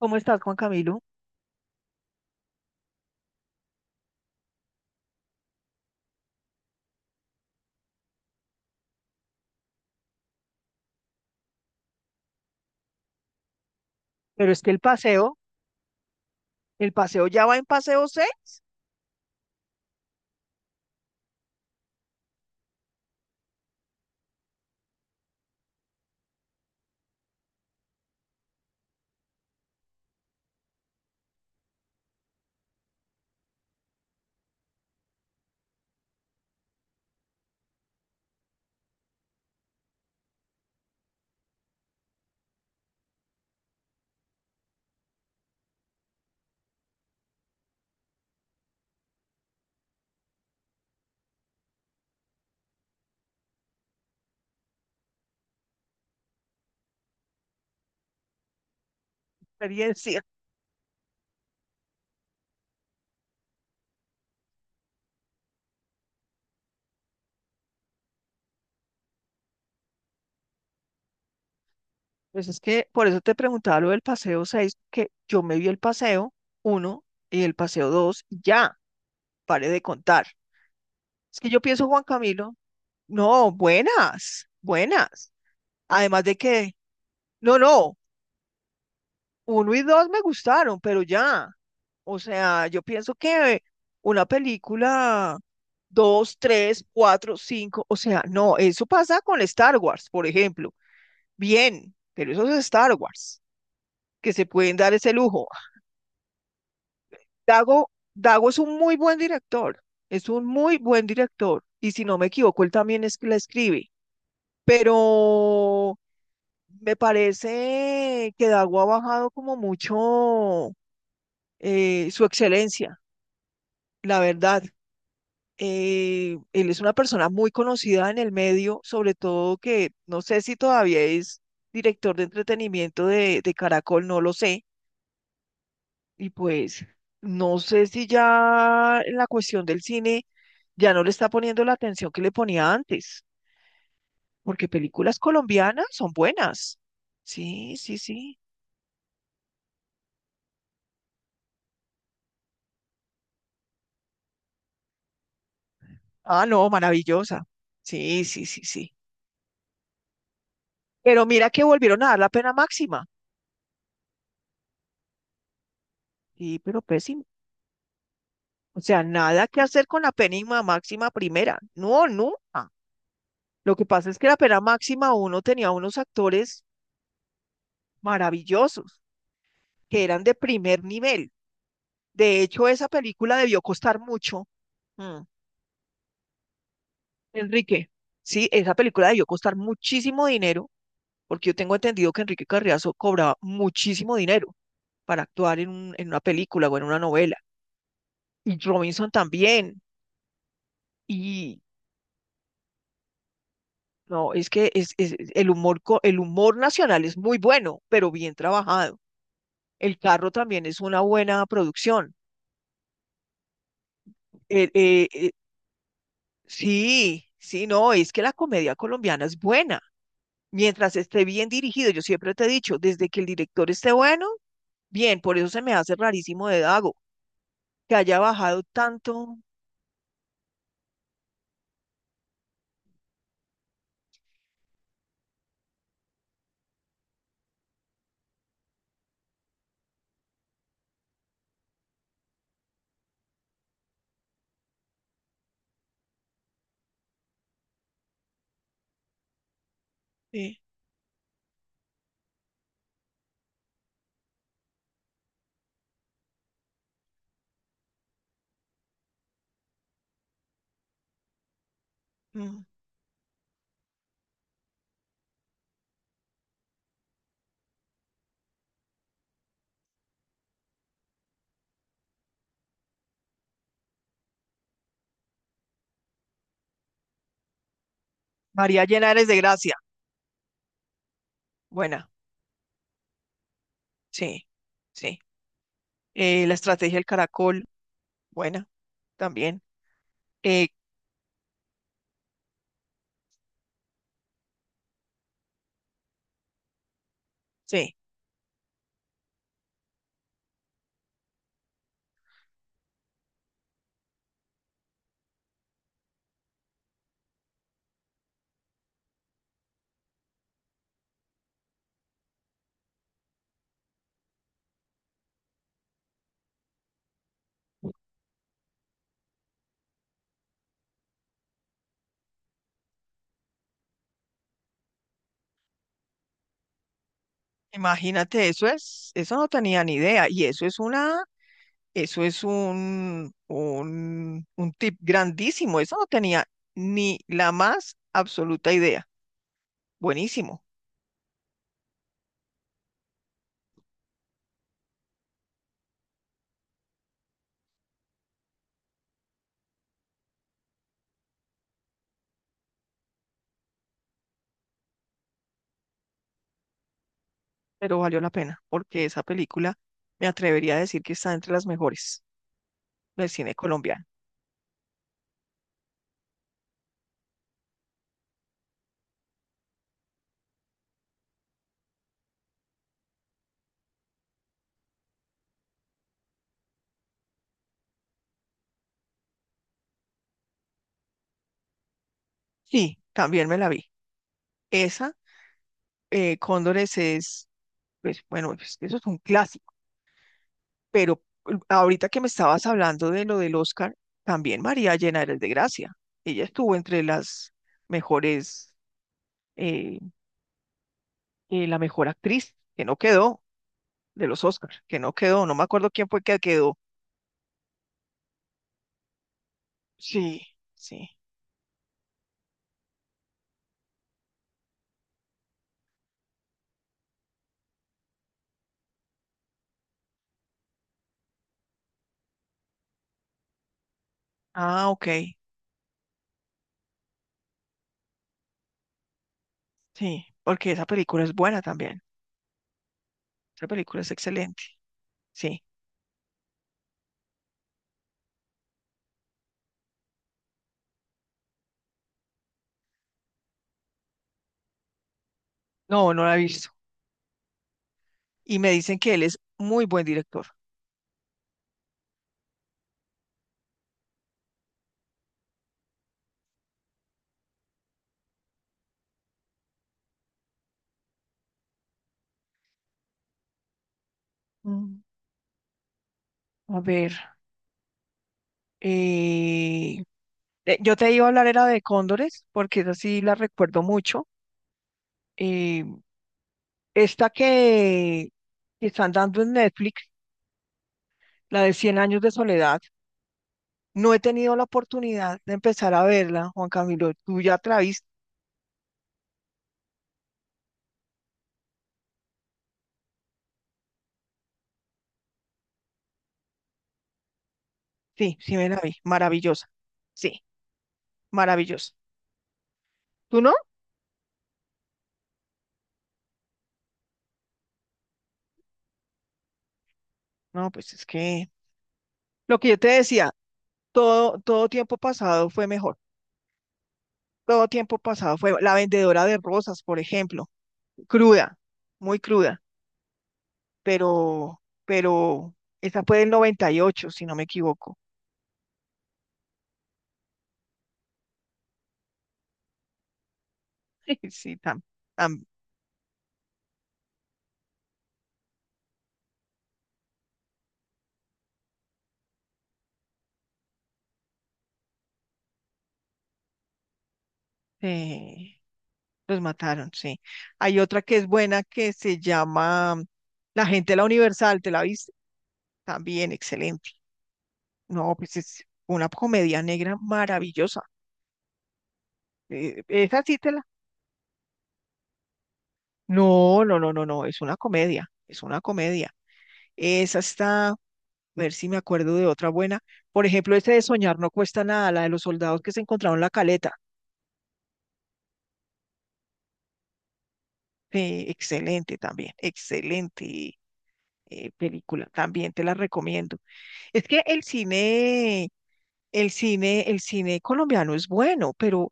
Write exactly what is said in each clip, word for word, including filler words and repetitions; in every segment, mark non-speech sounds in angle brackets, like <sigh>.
¿Cómo estás, Juan Camilo? Pero es que el paseo, el paseo ya va en paseo seis, experiencia. Pues es que por eso te preguntaba lo del paseo seis, que yo me vi el paseo uno y el paseo dos ya, pare de contar. Es que yo pienso, Juan Camilo, no, buenas, buenas. Además de que, no, no, uno y dos me gustaron, pero ya. O sea, yo pienso que una película, dos, tres, cuatro, cinco, o sea, no, eso pasa con Star Wars, por ejemplo. Bien, pero eso es Star Wars, que se pueden dar ese lujo. Dago, Dago es un muy buen director, es un muy buen director, y si no me equivoco, él también es, la escribe, pero me parece que Dago ha bajado como mucho eh, su excelencia. La verdad, eh, él es una persona muy conocida en el medio, sobre todo que no sé si todavía es director de entretenimiento de, de Caracol, no lo sé. Y pues no sé si ya en la cuestión del cine ya no le está poniendo la atención que le ponía antes, porque películas colombianas son buenas. Sí, sí, sí. Ah, no, maravillosa. Sí, sí, sí, sí. Pero mira que volvieron a dar la pena máxima. Sí, pero pésimo. O sea, nada que hacer con la pena máxima primera. No, nunca. Lo que pasa es que la pena máxima uno tenía unos actores maravillosos que eran de primer nivel. De hecho, esa película debió costar mucho. Mm, Enrique, sí, esa película debió costar muchísimo dinero, porque yo tengo entendido que Enrique Carriazo cobraba muchísimo dinero para actuar en, un- en una película o en una novela. Y Robinson también. Y no, es que es, es- el humor, co- el humor nacional es muy bueno, pero bien trabajado. El carro también es una buena producción. Eh, eh, eh, sí, sí, no, es que la comedia colombiana es buena. Mientras esté bien dirigido, yo siempre te he dicho, desde que el director esté bueno, bien, por eso se me hace rarísimo de Dago, que haya bajado tanto. Sí, mm. María llena eres de gracia, buena, sí, sí. Eh, la estrategia del caracol, buena, también. Eh, sí. Imagínate, eso es, eso no tenía ni idea. Y eso es una, eso es un, un, un tip grandísimo. Eso no tenía ni la más absoluta idea. Buenísimo, pero valió la pena, porque esa película me atrevería a decir que está entre las mejores del cine colombiano. Sí, también me la vi. Esa, eh, Cóndores es, pues bueno, pues, eso es un clásico. Pero mm, ahorita que me estabas hablando de lo del Oscar, también María Elena eres de gracia. Ella estuvo entre las mejores, eh, eh, la mejor actriz, que no quedó, de los Oscars, que no quedó, no me acuerdo quién fue que quedó. Sí, sí. Ah, ok, sí, porque esa película es buena también. Esa película es excelente. Sí, no, no la he visto. Y me dicen que él es muy buen director. Mm, A ver, eh, Eh, yo te iba a hablar era de cóndores, porque esa sí la recuerdo mucho. Eh, esta que, que están dando en Netflix, la de cien años de soledad, no he tenido la oportunidad de empezar a verla, Juan Camilo. ¿Tú ya te la viste? Sí, sí me la vi. Maravillosa. Sí, maravillosa. ¿Tú no? No, pues es que lo que yo te decía, todo, todo tiempo pasado fue mejor. Todo tiempo pasado fue la vendedora de rosas, por ejemplo, cruda, muy cruda. pero, pero esa fue del noventa y ocho si no me equivoco. <laughs> Sí, tam- tam- eh, los mataron, sí. Hay otra que es buena que se llama La gente de la Universal, ¿te la viste? También excelente. No, pues es una comedia negra maravillosa. Eh, esa sí te la... No, no, no, no, no, es una comedia, es una comedia. Esa está, a ver si me acuerdo de otra buena. Por ejemplo, esa de Soñar no cuesta nada, la de los soldados que se encontraron en la caleta. Eh, excelente también, excelente eh, película, también te la recomiendo. Es que el cine, el cine, el cine colombiano es bueno, pero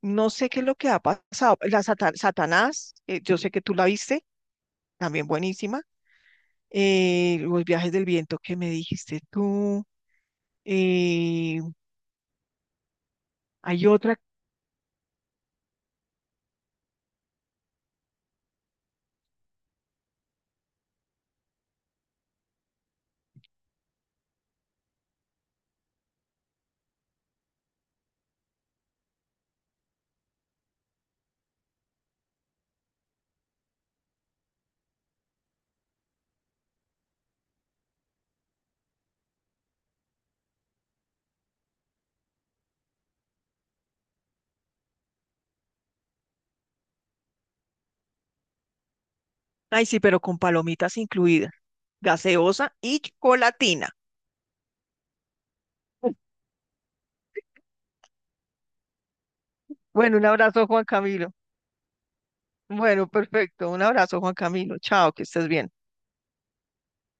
no sé qué es lo que ha pasado. La Sata- Satanás, eh, yo sé que tú la viste, también buenísima. Eh, Los viajes del viento que me dijiste tú. eh, hay otra, ay sí, pero con palomitas incluidas, gaseosa y chocolatina. Bueno, un abrazo, Juan Camilo. Bueno, perfecto. Un abrazo, Juan Camilo. Chao, que estés bien.